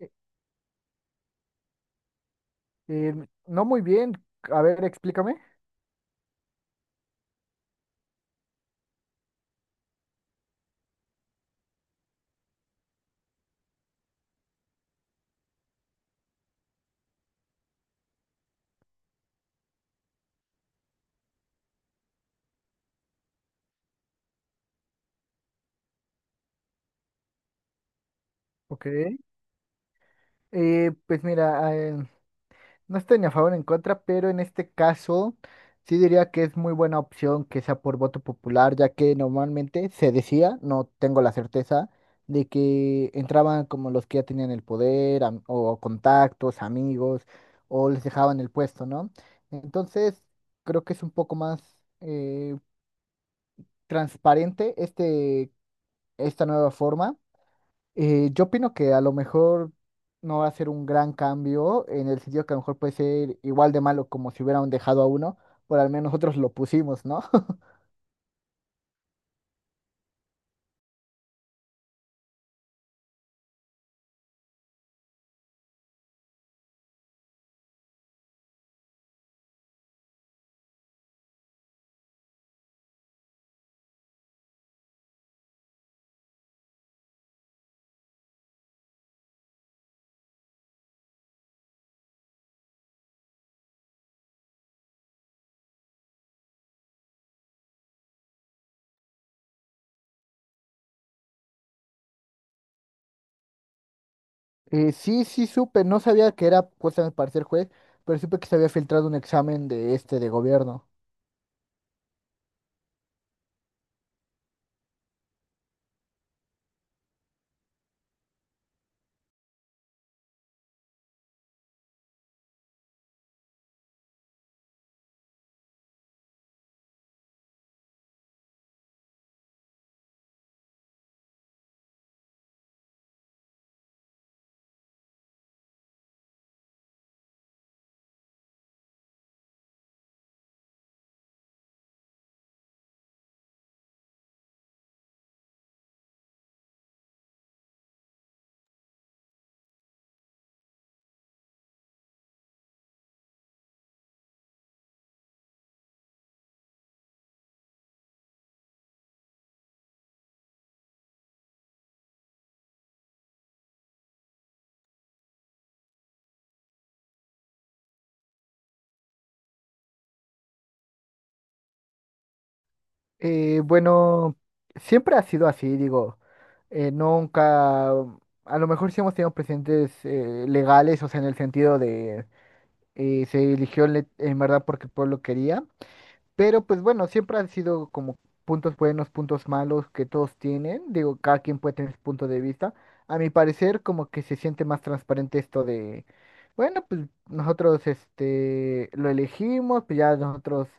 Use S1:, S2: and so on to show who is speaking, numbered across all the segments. S1: Eh, eh, no muy bien. A ver, explícame. Ok. Pues mira, no estoy ni a favor ni en contra, pero en este caso sí diría que es muy buena opción que sea por voto popular, ya que normalmente se decía, no tengo la certeza, de que entraban como los que ya tenían el poder am- o contactos, amigos, o les dejaban el puesto, ¿no? Entonces, creo que es un poco más transparente esta nueva forma. Yo opino que a lo mejor no va a ser un gran cambio, en el sentido que a lo mejor puede ser igual de malo como si hubieran dejado a uno, por al menos nosotros lo pusimos, ¿no? Sí, sí, supe, no sabía que era puesta para ser juez, pero supe que se había filtrado un examen de este de gobierno. Bueno, siempre ha sido así, digo, nunca, a lo mejor sí hemos tenido presidentes legales, o sea, en el sentido de se eligió le- en verdad porque el pueblo quería. Pero pues bueno, siempre han sido como puntos buenos, puntos malos que todos tienen. Digo, cada quien puede tener su punto de vista. A mi parecer, como que se siente más transparente esto de, bueno, pues nosotros este lo elegimos, pues ya nosotros,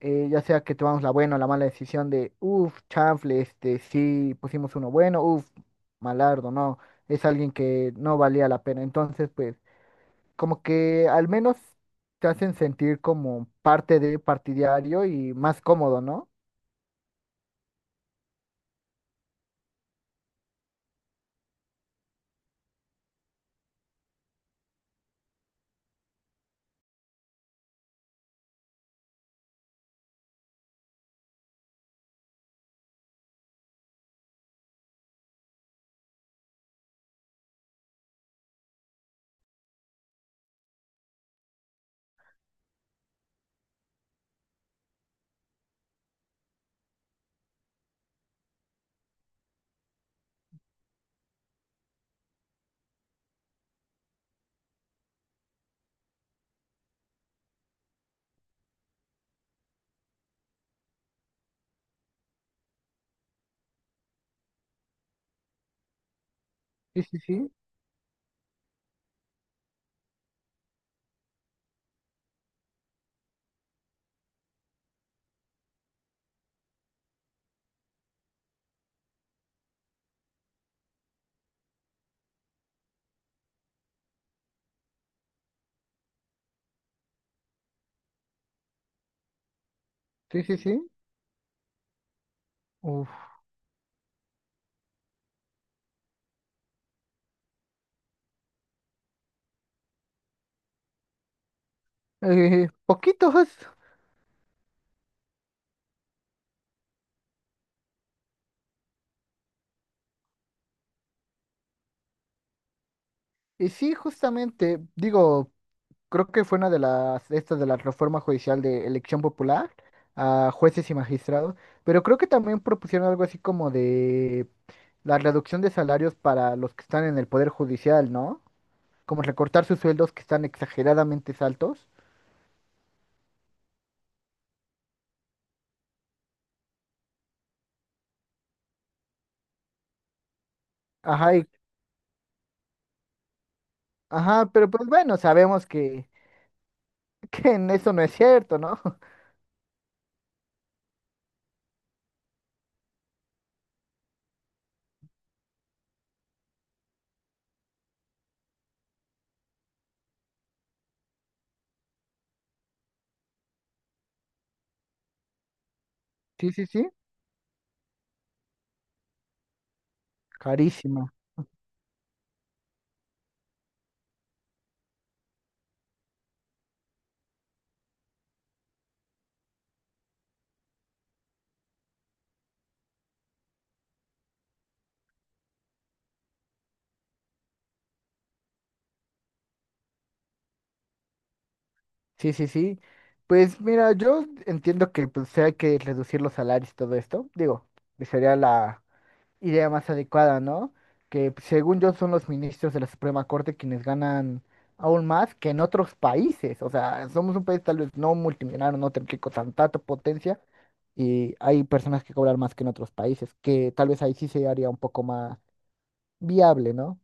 S1: ya sea que tomamos la buena o la mala decisión de, uff, chanfle, este, sí, pusimos uno bueno, uff, malardo, no, es alguien que no valía la pena. Entonces, pues como que al menos te hacen sentir como parte de partidario y más cómodo, ¿no? Sí, sí, sí, sí, sí, sí. Uf. Poquitos, pues. Y sí, justamente, digo, creo que fue una de las, estas de la reforma judicial de elección popular a jueces y magistrados, pero creo que también propusieron algo así como de la reducción de salarios para los que están en el poder judicial, ¿no? Como recortar sus sueldos que están exageradamente altos. Ajá. Ajá, pero pues bueno, sabemos que, que en eso no es cierto, ¿no? Sí, sí, sí. Carísima. Sí, sí, sí. Pues mira, yo entiendo que pues sí hay que reducir los salarios y todo esto. Digo, que sería la idea más adecuada, ¿no? Que pues, según yo son los ministros de la Suprema Corte quienes ganan aún más que en otros países. O sea, somos un país tal vez no multimillonario, no tan rico, tan tanta potencia. Y hay personas que cobran más que en otros países, que tal vez ahí sí se haría un poco más viable, ¿no?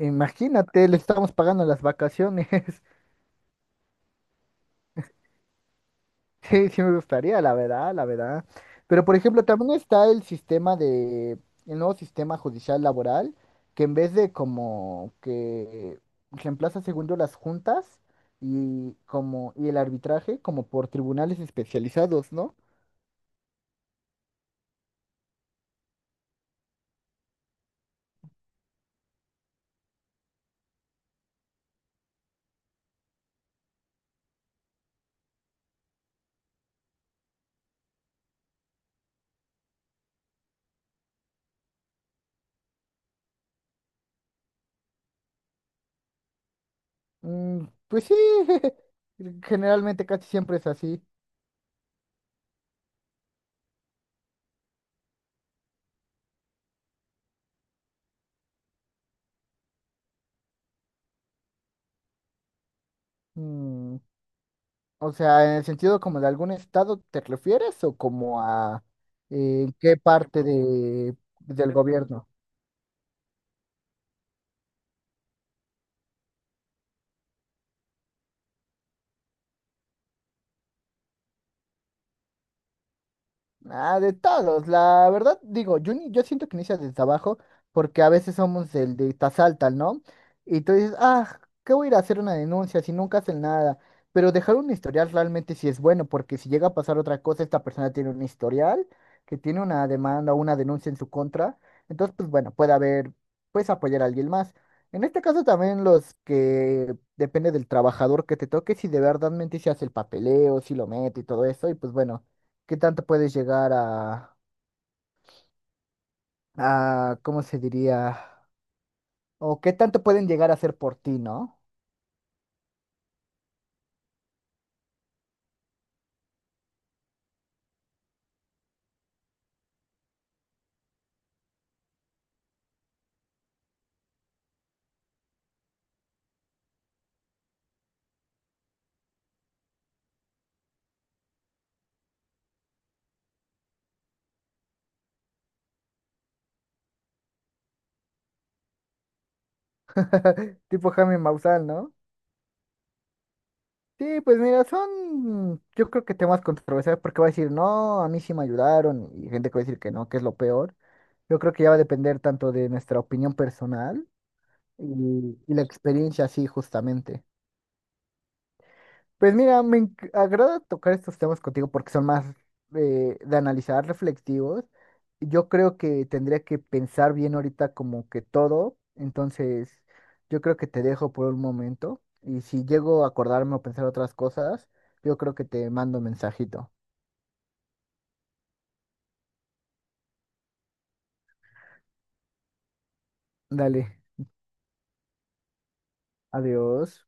S1: Imagínate, le estamos pagando las vacaciones. Sí, sí me gustaría, la verdad, la verdad. Pero, por ejemplo, también está el sistema de, el nuevo sistema judicial laboral, que en vez de como que reemplaza segundo las juntas y como, y el arbitraje, como por tribunales especializados, ¿no? Mm, pues sí, generalmente casi siempre es así. Mm, o sea, en el sentido como de algún estado te refieres o como a qué parte de, del gobierno. Ah, de todos, la verdad, digo, yo, ni- yo siento que inicia desde abajo, porque a veces somos el de tasalta, ¿no? Y tú dices, ah, ¿qué voy a ir a hacer una denuncia si nunca hacen nada? Pero dejar un historial realmente sí es bueno, porque si llega a pasar otra cosa, esta persona tiene un historial, que tiene una demanda o una denuncia en su contra, entonces, pues bueno, puede haber, puedes apoyar a alguien más. En este caso también los que depende del trabajador que te toque, si de verdad mente se hace el papeleo, si lo mete y todo eso, y pues bueno. ¿Qué tanto puedes llegar a, ¿cómo se diría? O qué tanto pueden llegar a hacer por ti, ¿no? Tipo Jaime Maussan, ¿no? Sí, pues mira, son, yo creo que temas controversiales porque va a decir, no, a mí sí me ayudaron y gente que va a decir que no, que es lo peor. Yo creo que ya va a depender tanto de nuestra opinión personal y la experiencia, sí, justamente. Pues mira, me enc- agrada tocar estos temas contigo porque son más de analizar, reflexivos. Yo creo que tendría que pensar bien ahorita como que todo, entonces yo creo que te dejo por un momento y si llego a acordarme o pensar otras cosas, yo creo que te mando un mensajito. Dale, adiós.